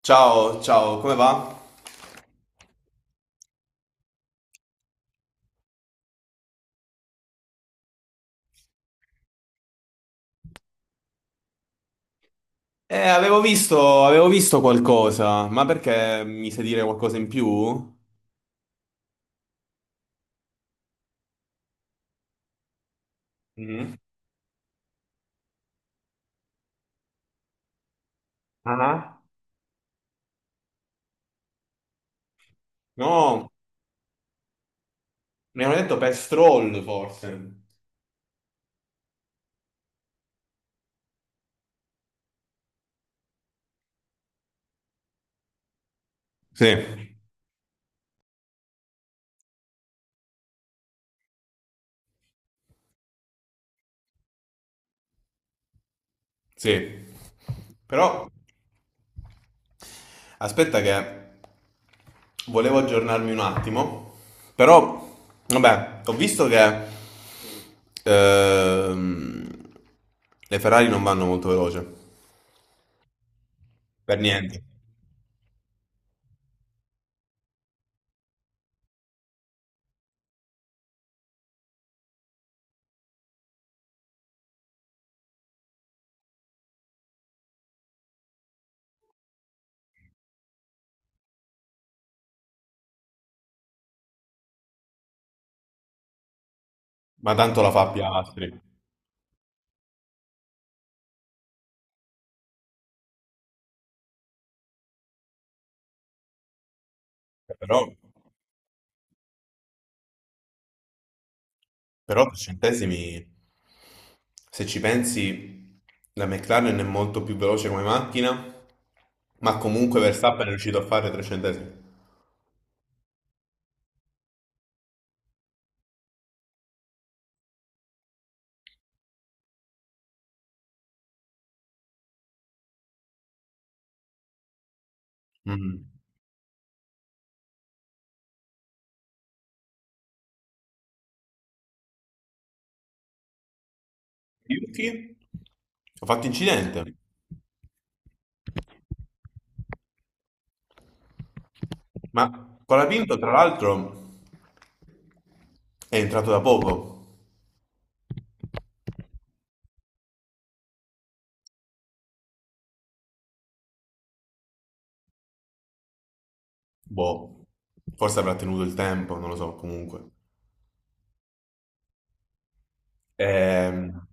Ciao, ciao, come va? Avevo visto qualcosa, ma perché mi sai dire qualcosa in più? Mm. Ah. No, mi hanno detto Pestrol forse. Sì, sì. Però aspetta che volevo aggiornarmi un attimo, però vabbè, ho visto che ehm, le Ferrari non vanno molto veloce, per niente, ma tanto la fa Piastri, però... Però tre centesimi, se ci pensi, la McLaren è molto più veloce come macchina, ma comunque Verstappen è riuscito a fare tre centesimi. Mm. Yuki ha fatto incidente, ma Colapinto tra l'altro è entrato da poco, boh, forse avrà tenuto il tempo, non lo so, comunque. Ehm,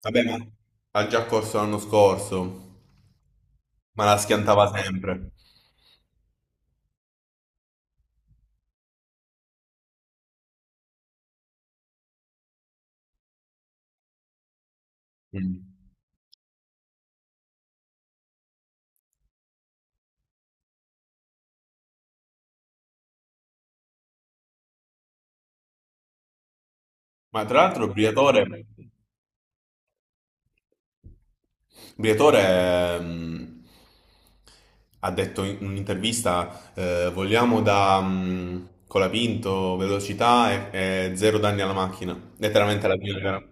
Vabbè, ma ha già corso l'anno scorso, ma la schiantava sempre. Mm. Ma tra l'altro Briatore... Il direttore ha detto in un'intervista, vogliamo da colapinto, velocità e zero danni alla macchina. Letteralmente alla fine era-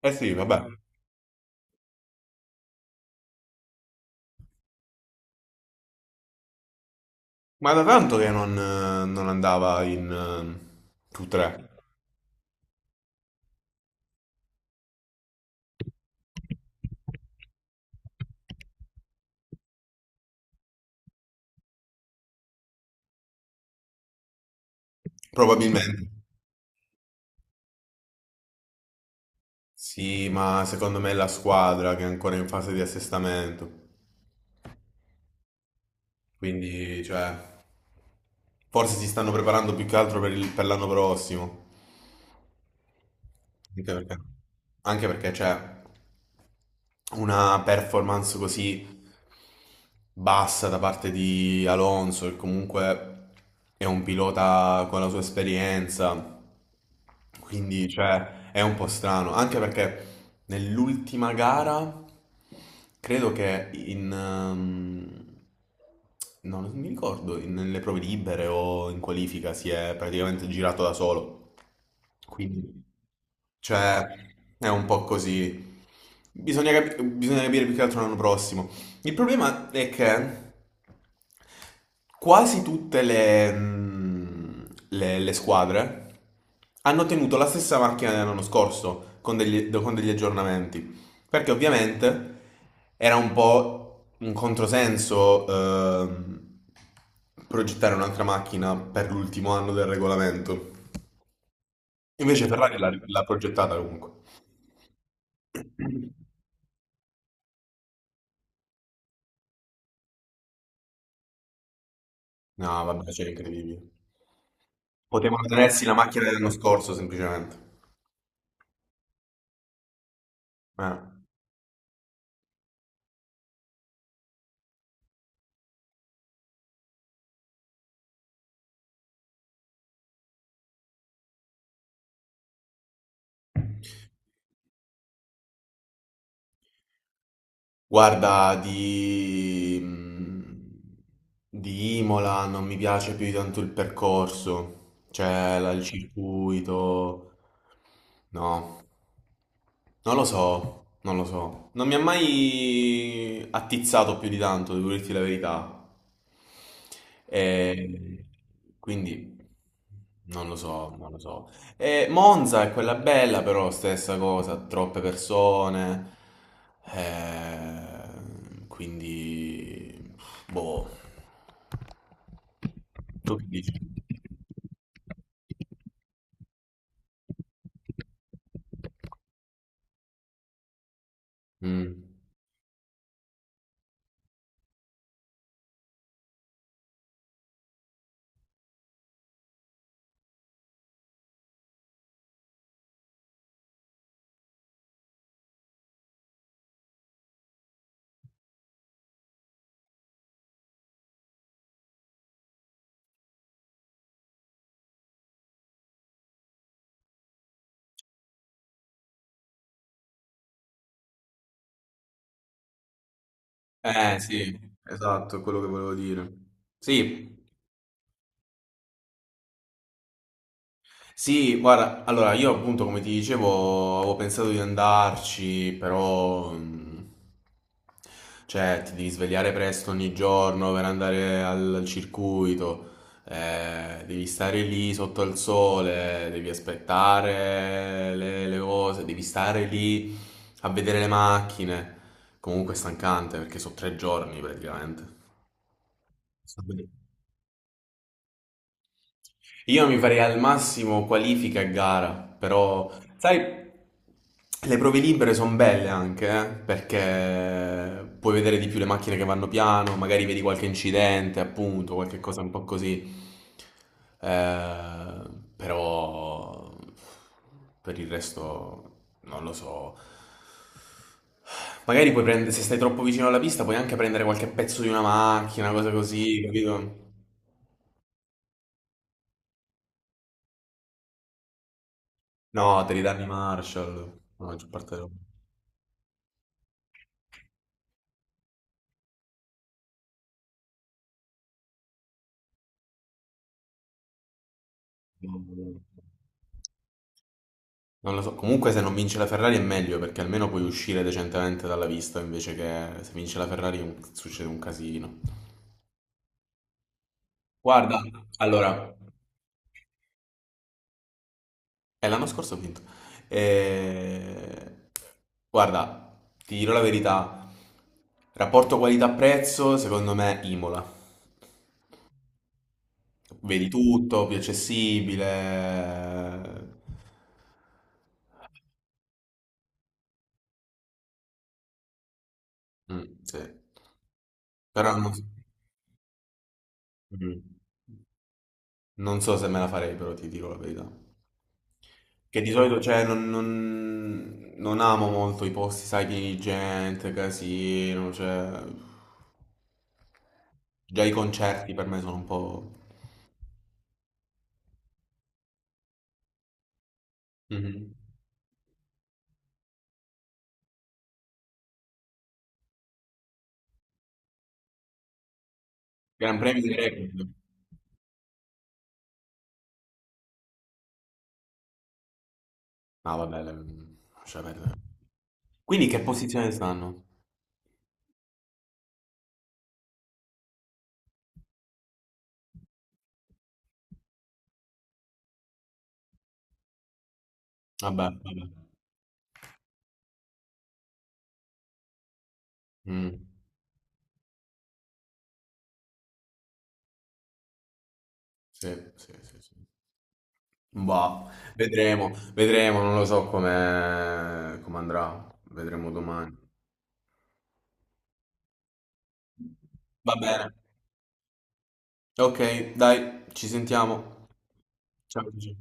Eh sì, vabbè. Ma da tanto che non, non andava in Q3, probabilmente. Sì, ma secondo me è la squadra che è ancora in fase di assestamento. Quindi, cioè, forse si stanno preparando più che altro per il- per l'anno prossimo. Anche perché, anche perché, cioè, una performance così bassa da parte di Alonso, che comunque è un pilota con la sua esperienza, quindi, cioè, è un po' strano, anche perché nell'ultima gara credo che in... no, non mi ricordo, in- nelle prove libere o in qualifica si è praticamente girato da solo. Quindi, cioè, è un po' così. Bisogna, capi- bisogna capire più che altro l'anno prossimo. Il problema è che quasi tutte le squadre hanno tenuto la stessa macchina dell'anno scorso con degli aggiornamenti, perché ovviamente era un po' un controsenso progettare un'altra macchina per l'ultimo anno del regolamento. Invece Ferrari l'ha progettata comunque. No, vabbè, c'è incredibile. Potevano tenersi la macchina dell'anno scorso semplicemente. Eh. Guarda, di Imola non mi piace più di tanto il percorso, cioè la- il circuito, no, non lo so, non mi ha mai attizzato più di tanto, devo dirti la verità, e quindi non lo so. E Monza è quella bella, però stessa cosa, troppe persone, quindi, boh, tu che dici? Mm. Eh sì, esatto, è quello che volevo dire. Sì. Sì, guarda, allora io appunto come ti dicevo avevo pensato di andarci, però cioè ti devi svegliare presto ogni giorno per andare al circuito, devi stare lì sotto al sole, devi aspettare le cose, devi stare lì a vedere le macchine. Comunque è stancante perché sono tre giorni praticamente. Io mi farei al massimo qualifica e gara, però sai, le prove libere sono belle anche, perché puoi vedere di più le macchine che vanno piano, magari vedi qualche incidente, appunto, qualche cosa un po' così. Eh, però per il resto non lo so. Magari puoi prendere, se stai troppo vicino alla pista, puoi anche prendere qualche pezzo di una macchina, cosa così, capito? No, devi darmi Marshall. La maggior parte delle volte. Non non lo so. Comunque, se non vince la Ferrari è meglio perché almeno puoi uscire decentemente dalla vista invece che se vince la Ferrari un- succede un casino. Guarda, allora, è l'anno scorso ho vinto. Eh, Guarda, ti dirò la verità. Rapporto qualità-prezzo, secondo me, Imola. Vedi tutto, più accessibile. Mm, sì. Però non... so. Mm. Non so se me la farei, però ti dico la verità. Che di solito, cioè, non amo molto i posti, sai, pieni di gente, casino, cioè... Già i concerti per me sono un po'... Mhm. Gran Premio di record. No, vabbè, le- lascia perdere. Quindi che posizione stanno? Vabbè, vabbè. Mm, sì, sì. Boh, vedremo, non lo so come andrà. Vedremo domani. Va bene. Ok, dai, ci sentiamo. Ciao. Gigi.